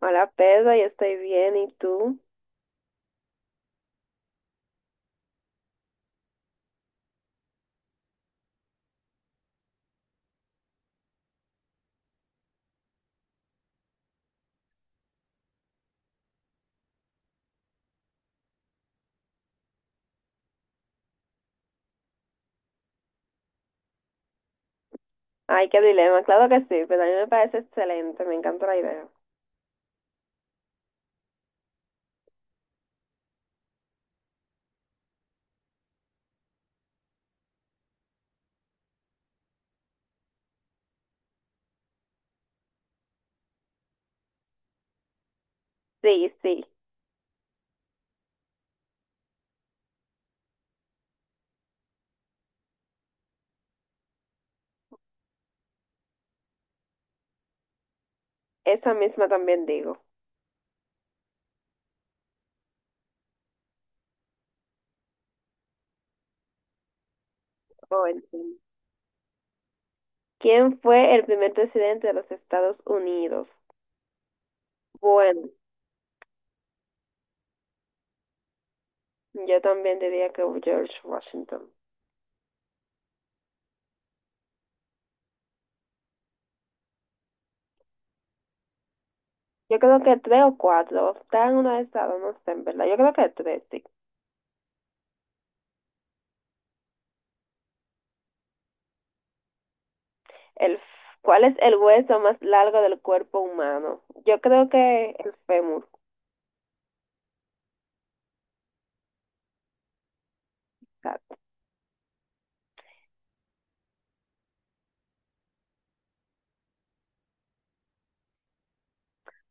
Hola Pedro, yo estoy bien, ¿y tú? Ay, qué dilema, claro que sí, pero a mí me parece excelente, me encanta la idea. Sí, sí, esa misma también digo. Oh, entiendo. ¿Quién fue el primer presidente de los Estados Unidos? Bueno, yo también diría que George Washington. Yo creo que tres o cuatro, están en uno de esas dos, no sé, en verdad, yo creo que tres, sí. El, f- ¿Cuál es el hueso más largo del cuerpo humano? Yo creo que el fémur, exacto.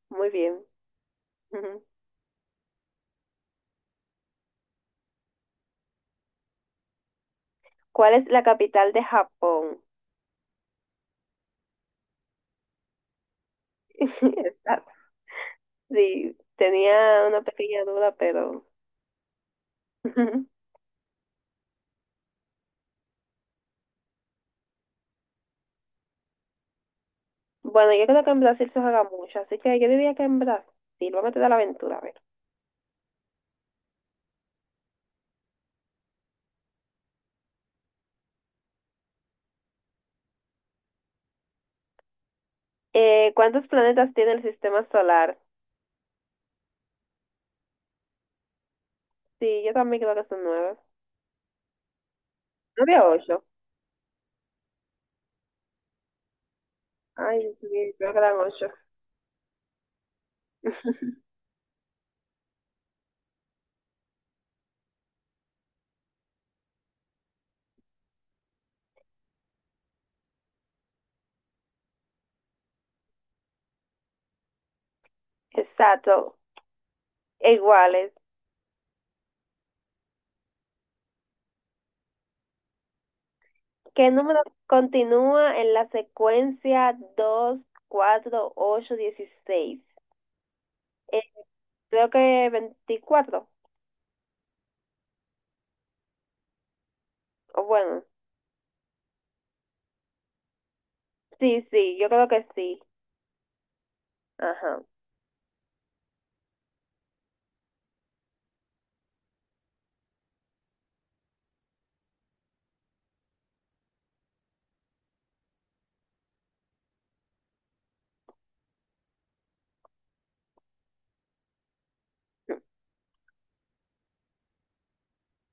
Muy bien. ¿Cuál es la capital de Japón? Exacto. Sí, tenía una pequeña duda, pero... Bueno, yo creo que en Brasil se juega mucho, así que yo diría que en Brasil. Vamos a meter la aventura, a ver. ¿Cuántos planetas tiene el sistema solar? Sí, yo también creo que son nueve. ¿Nueve o ocho? Ay, sí, creo que eran ocho. Exacto, iguales. ¿Qué número continúa en la secuencia 2, 4, 8, 16? Eh, Creo que 24. O bueno, sí, sí, yo creo que sí. Ajá.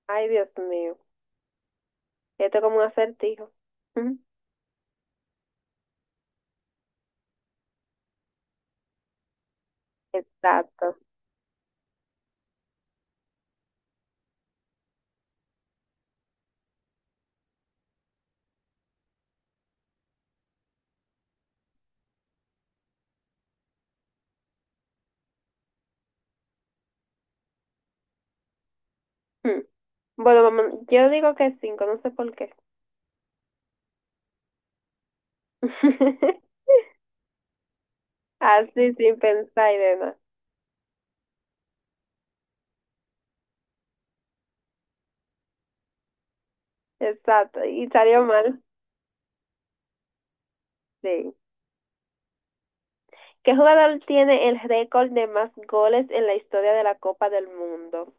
Ay, Dios mío. Esto es como un acertijo. Mm. Exacto. Mm. Bueno, vamos, yo digo que cinco, no sé por qué. Así sin pensar y demás. Exacto. Y salió mal. Sí. ¿Qué jugador tiene el récord de más goles en la historia de la Copa del Mundo?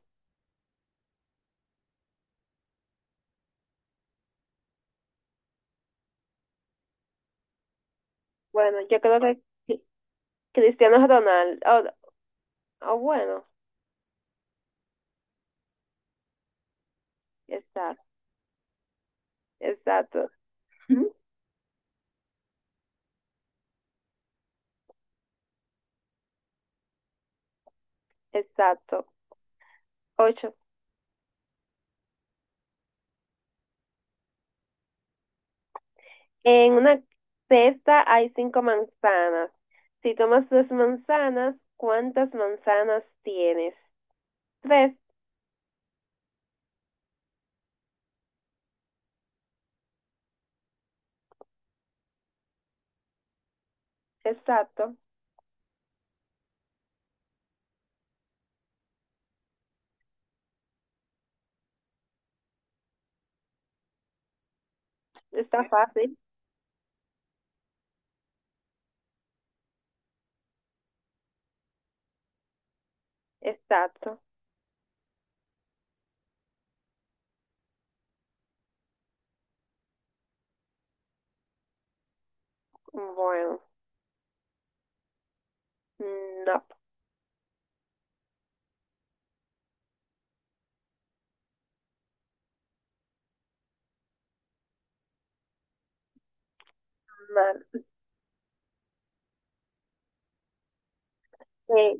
Bueno, yo creo que Cri- Cristiano Ronaldo. Oh, oh, bueno. Exacto. Exacto. Ujú. Exacto. Ocho. En una cesta hay cinco manzanas. Si tomas dos manzanas, ¿cuántas manzanas tienes? Tres. Exacto. Está fácil. Exacto. Bueno, no. Mal. Eh,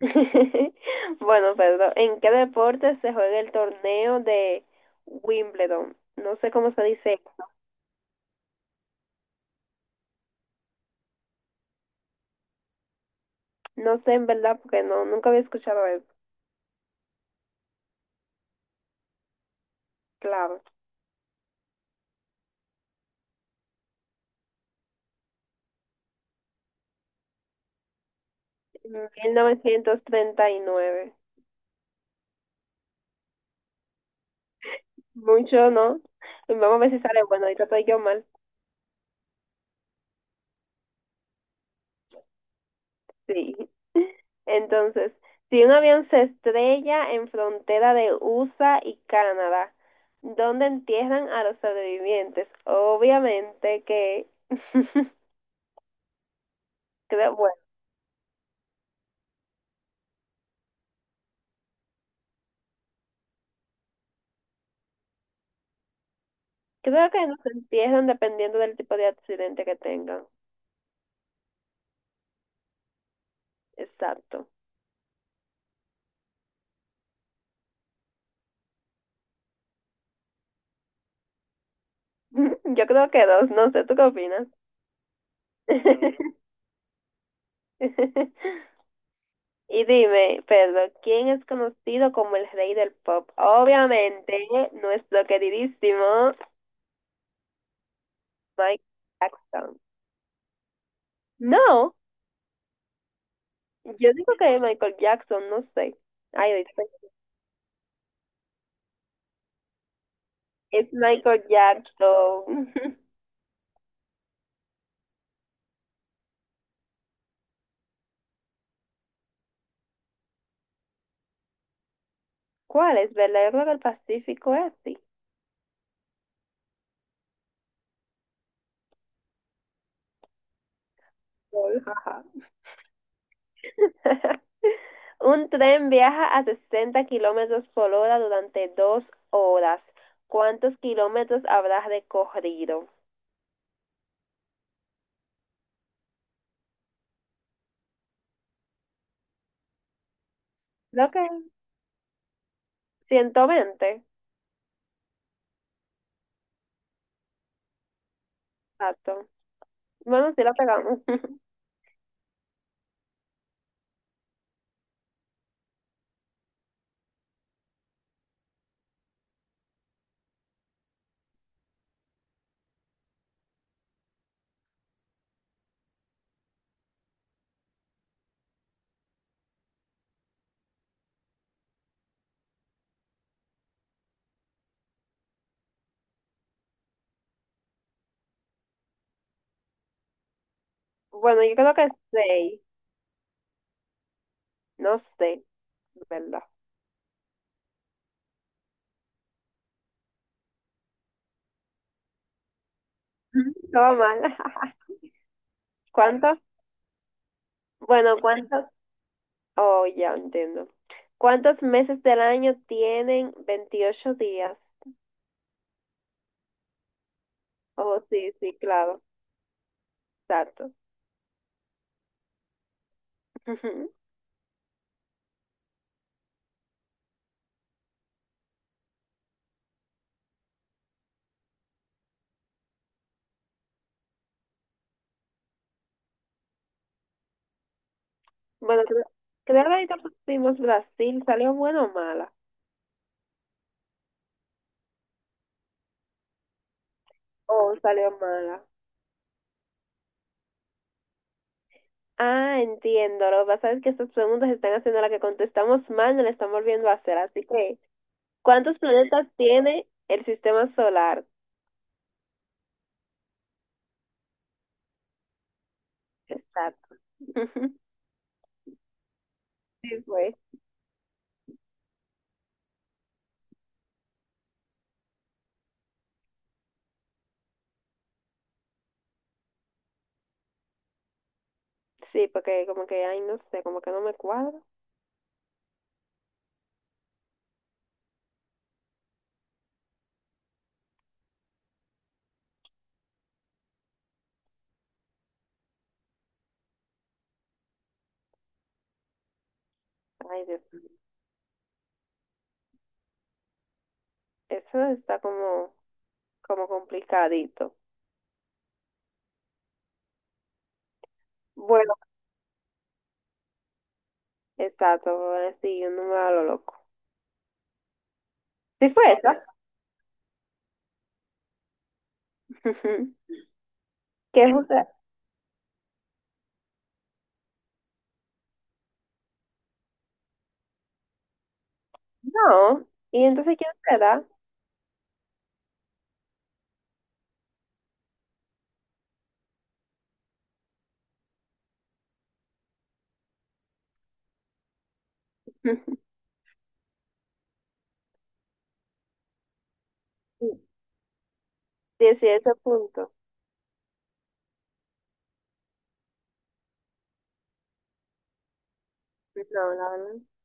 Bueno, perdón. ¿En qué deporte se juega el torneo de Wimbledon? No sé cómo se dice. No sé en verdad porque no, nunca había escuchado eso. Claro. En 1939. Mucho, ¿no? Vamos a ver si sale bueno, ahorita estoy yo mal. Sí. Entonces, si un avión se estrella en frontera de USA y Canadá, ¿dónde entierran a los sobrevivientes? Obviamente que, creo, bueno, creo que nos entierran dependiendo del tipo de accidente que tengan. Exacto. Yo creo que dos, no sé, ¿tú qué opinas? Y dime, Pedro, ¿quién es conocido como el rey del pop? Obviamente, nuestro queridísimo Michael Jackson. No, yo digo que es Michael Jackson, no sé. Ay, disculpe. Es Michael Jackson. ¿Cuál es? ¿Verdad? Yo creo que el Pacífico es así. Lol, jaja. Un tren viaja a 60 kilómetros por hora durante 2 horas. ¿Cuántos kilómetros habrás recorrido? Creo que 120. Exacto. Bueno, sí la pegamos. Bueno, yo creo que seis. No sé, ¿verdad? Todo mal. ¿Cuántos? Bueno, ¿cuántos? Oh, ya entiendo. ¿Cuántos meses del año tienen 28 días? Oh, sí, sí, claro. Exacto. Bueno, creo que ahorita pusimos Brasil. ¿Salió buena o mala? Oh, salió mala. Ah, entiendo. Lo que pasa es que estas preguntas están haciendo la que contestamos mal, no la están volviendo a hacer. Así que ¿cuántos planetas tiene el sistema solar? Exacto. Sí, güey. Sí, porque como que, ay, no sé, como que no me cuadra. Ay, Dios mío. Eso está como, como complicadito. Bueno, exacto, ahora sí, un número a lo loco. Sí fue esa. ¿Qué es usted? No. ¿Y entonces quién será? 18 puntos. No, la verdad.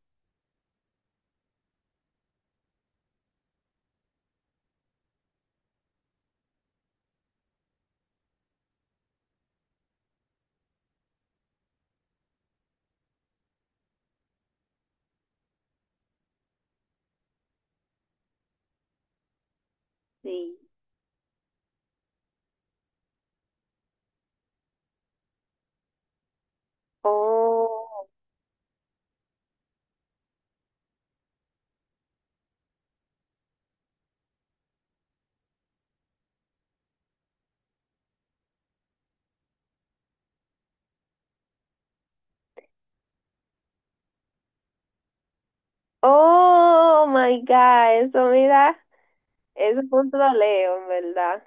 Sí. Oh. Oh my God, eso mira. Es un punto lo leo, en verdad.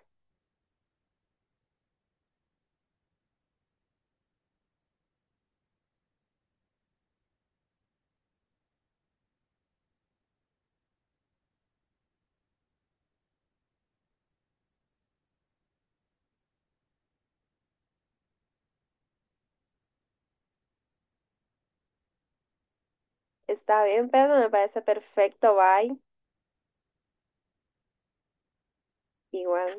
Está bien, Pedro, me parece perfecto. Bye. Igual.